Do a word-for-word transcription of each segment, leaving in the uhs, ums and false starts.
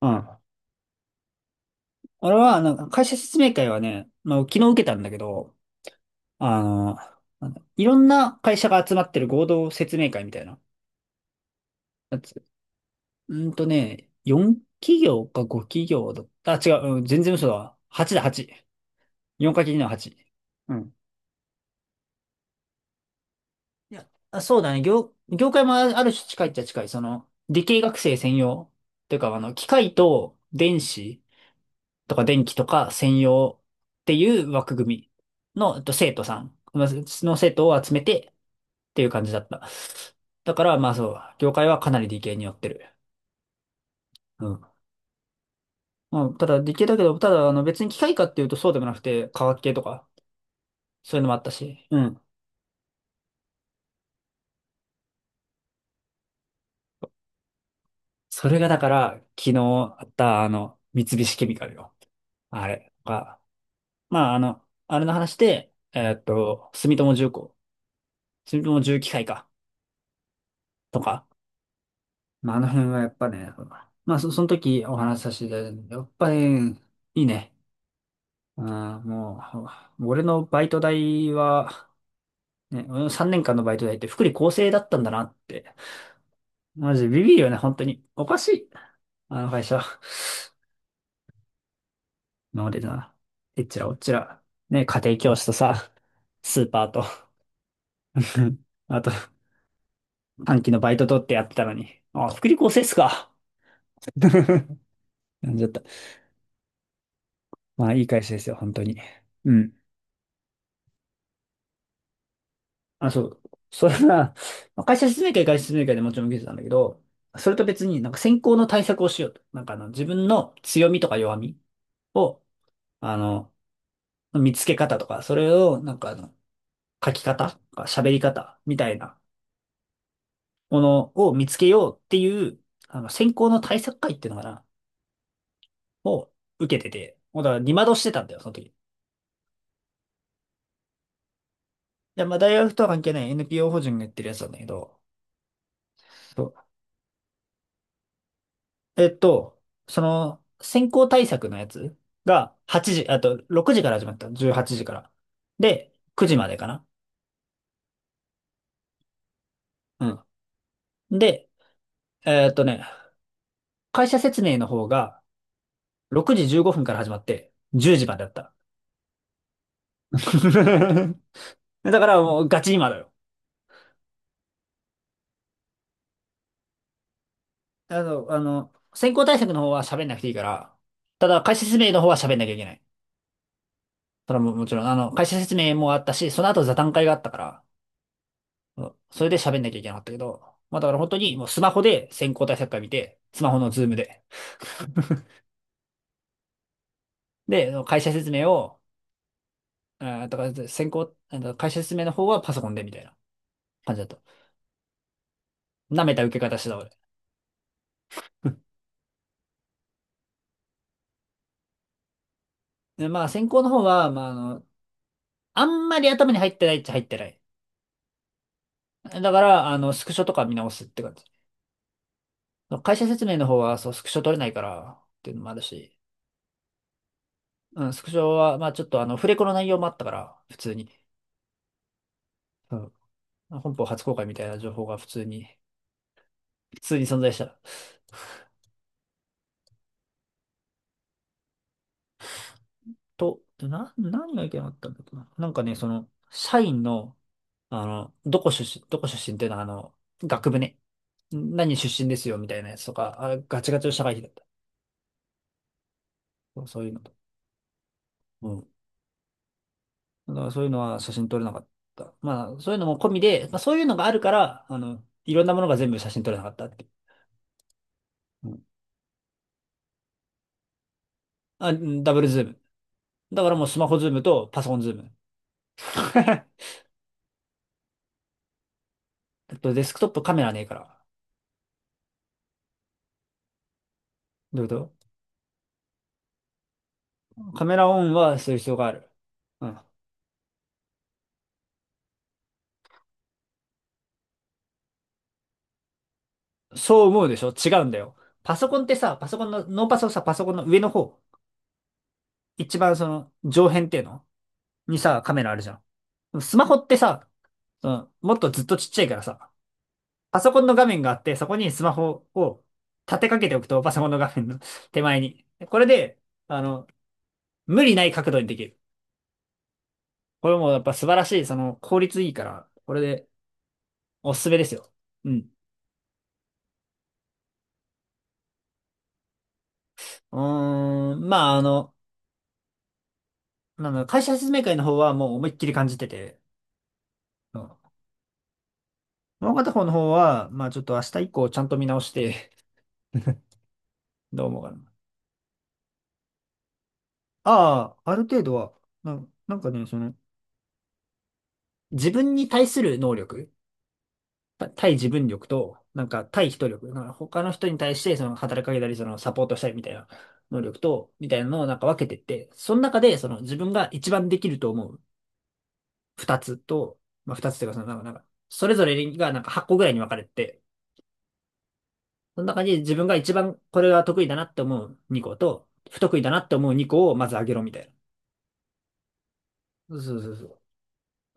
うん。あれは、なんか会社説明会はね、まあ、昨日受けたんだけど、あの、なんだいろんな会社が集まってる合同説明会みたいなやつ。うーんとね、よん企業かご企業だった。あ、違う、うん、全然嘘だわ。はちだ、はち。よんかけるのはち。うん。いや、あ、そうだね。業、業界もあある種近いっちゃ近い。その、理系学生専用。というか、あの、機械と電子とか電気とか専用っていう枠組みの、えっと、生徒さん、まあその生徒を集めてっていう感じだった。だから、まあそう、業界はかなり理系に寄ってる。うん。まあ、ただ理系だけど、ただあの別に機械科っていうとそうでもなくて、化学系とか、そういうのもあったし。うん。それがだから、昨日あったあの、三菱ケミカルよ。あれが、まああの、あれの話で、えーっと、住友重工、住友重機械かとか、まあ、あの辺はやっぱね、まあ、そ、その時お話しさせていただいたんだけどやっぱり、いいね。あもう、俺のバイト代は、ね、俺のさんねんかんのバイト代って福利厚生だったんだなって。マジビビるよね、本当に。おかしい。あの会社。今までな。えっちらおっちら。ね、家庭教師とさ、スーパーと。あと、短期のバイト取ってやってたのに。あ、福利厚生っすか。なんじゃった。まあ、いい会社ですよ、本当に。うん。あ、そう。それは、まあ会社説明会、会社説明会でもちろん受けてたんだけど、それと別になんか選考の対策をしようと。なんかあの、自分の強みとか弱みを、あの、見つけ方とか、それをなんかあの、書き方とか喋り方みたいなものを見つけようっていう、あの、選考の対策会っていうのかな、を受けてて、もうだから二窓してたんだよ、その時。いや、まあ大学とは関係ない エヌピーオー 法人がやってるやつなんだけど、そうえっと、その、先行対策のやつがはちじ、あとろくじから始まったの。じゅうはちじから。で、くじまでかな。うん。で、えっとね、会社説明の方がろくじじゅうごふんから始まってじゅうじまでだった。だからもうガチ今だよ。あの、あの、先行対策の方は喋んなくていいから、ただ会社説明の方は喋んなきゃいけない。それはもうもちろん、あの、会社説明もあったし、その後座談会があったから、うんそれで喋んなきゃいけなかったけど、まあだから本当にもうスマホで先行対策会見て、スマホのズームで。で、会社説明を、あーだから先行、あの会社説明の方はパソコンでみたいな感じだと。舐めた受け方してた俺。で、まあ先行の方は、まああの、あんまり頭に入ってないっちゃ入ってない。だから、あの、スクショとか見直すって感じ。会社説明の方は、そう、スクショ取れないからっていうのもあるし、うん、スクショは、まあちょっとあの、フレコの内容もあったから、普通に。うん、本邦初公開みたいな情報が普通に。普通に存在したら。と、でな、何がいけなかったんだっけな。なんかね、その、社員の、あの、どこ出身、どこ出身っていうのは、あの、学部ね。何出身ですよ、みたいなやつとか、あ、ガチガチの社会人だった。そうそういうのと。うん。だからそういうのは写真撮れなかった。まあ、そういうのも込みで、まあそういうのがあるから、あの、いろんなものが全部写真撮れなかったっていう。うん。あ、うんダブルズーム。だからもうスマホズームとパソコンズーム。あとデスクトップカメラねえから。どういうこと。カメラオンはする必要がある。うんそう思うでしょ違うんだよ。パソコンってさ、パソコンの、ノーパソさ、パソコンの上の方、一番その上辺っていうのにさ、カメラあるじゃん。でもスマホってさ、うん、もっとずっとちっちゃいからさ、パソコンの画面があって、そこにスマホを立てかけておくと、パソコンの画面の 手前に。これで、あの、無理ない角度にできる。これもやっぱ素晴らしい、その効率いいから、これでおすすめですよ。うん。うーん、まああの、なんだろう会社説明会の方はもう思いっきり感じてて、うんもう片方の方は、まあちょっと明日以降ちゃんと見直して、どう思うかな。ああ、ある程度は、な、なんかね、その、自分に対する能力、た対自分力と、なんか対人力、なんか他の人に対してその働きかけたり、そのサポートしたりみたいな能力と、みたいなのをなんか分けてって、その中でその自分が一番できると思う二つと、まあ二つというかそのなんか、なんかそれぞれがなんかはちこぐらいに分かれてて、その中に自分が一番これが得意だなって思うにこと、不得意だなって思うにこをまず上げろみたいな。そうそうそ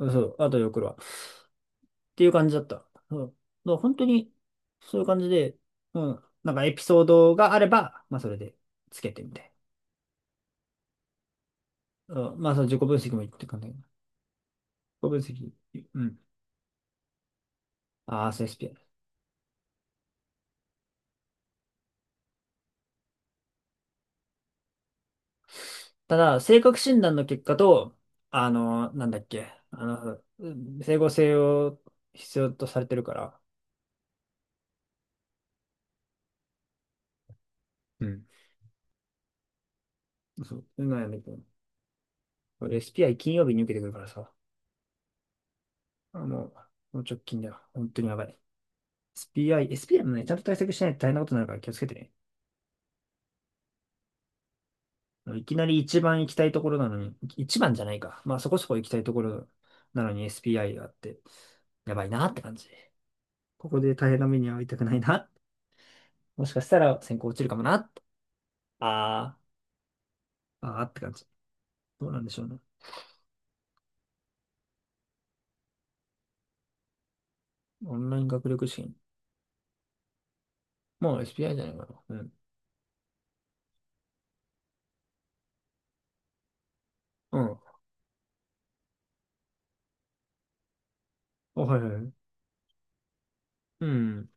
う。そう、あとで送るわ。っていう感じだった。うん。だから本当に、そういう感じで、うん。なんかエピソードがあれば、まあそれでつけてみたいな。うん。まあその自己分析もいいって感じ。自己分析。うん。ああ、そう s p ただ、性格診断の結果と、あの、なんだっけ、あの、うん、整合性を必要とされてるから、うん。そう、うまいやねけど。俺 エスピーアイ 金曜日に受けてくるからさ、あ、もう、もう直近だよ。本当にやばい。エスピーアイ、エスピーアイ もね、ちゃんと対策しないと大変なことになるから気をつけてね。あのいきなり一番行きたいところなのに、一番じゃないか。まあそこそこ行きたいところなのに エスピーアイ があって、やばいなって感じ。ここで大変な目に遭いたくないな。もしかしたら選考落ちるかもな。あー、あーって感じ。どうなんでしょうね。オンライン学力試験。もう エスピーアイ じゃないかな。うん。うん。あはいはいはい。うん。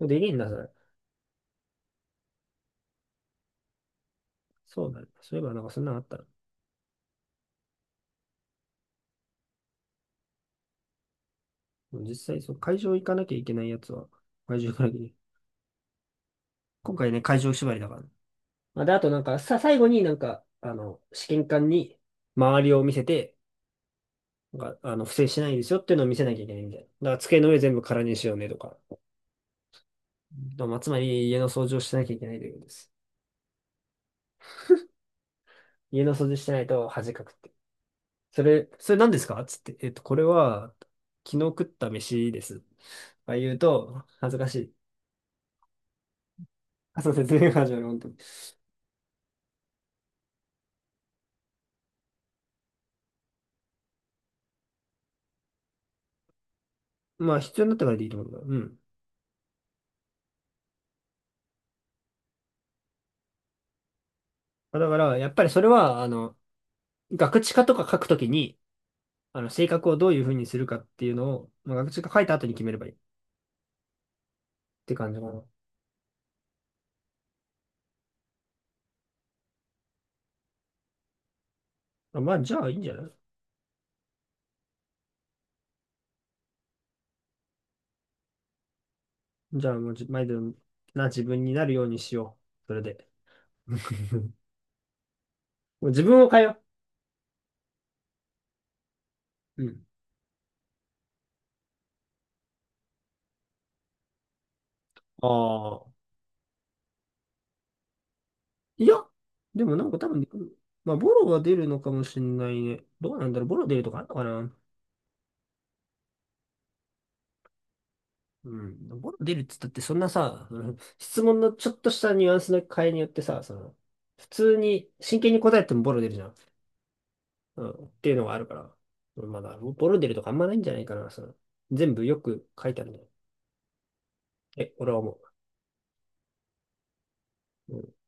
できるんだ、それ。そうだね。そういえば、なんかそんなのあったら。実際、そう、会場行かなきゃいけないやつは、会場行かなきゃいけない。今回ね、会場縛りだから。まあで、あとなんか、さ、最後になんか、あの、試験官に周りを見せて、なんか、あの、不正しないですよっていうのを見せなきゃいけないみたいな。だから机の上全部空にしようねとか。まあ、つまり家の掃除をしなきゃいけないということです。家の掃除してないと恥かくって。それ、それ何ですかつって、えっと、これは、昨日食った飯です。あ言うと、恥ずかしい。あ、そう、説明が始まる、本当に。まあ、必要になったからでいいと思うんだ。うん。まあだから、やっぱりそれは、あの、ガクチカとか書くときに、あの、性格をどういうふうにするかっていうのを、まあ、学習が書いた後に決めればいいって感じかな。まあまあ、じゃあいいんじゃない？じゃあもうじ、毎度な自分になるようにしよう。それで。もう自分を変えよう。うん。ああ、いや、でもなんか多分、まあ、ボロは出るのかもしれないね。どうなんだろう、ボロ出るとかあるのかな？うん。ボロ出るって言ったって、そんなさ、あの質問のちょっとしたニュアンスの変えによってさ、その、普通に、真剣に答えてもボロ出るじゃん。うん、っていうのがあるから。まだ、ボロ出るとかあんまないんじゃないかな。その全部よく書いてあるね。え、俺は思う。うん。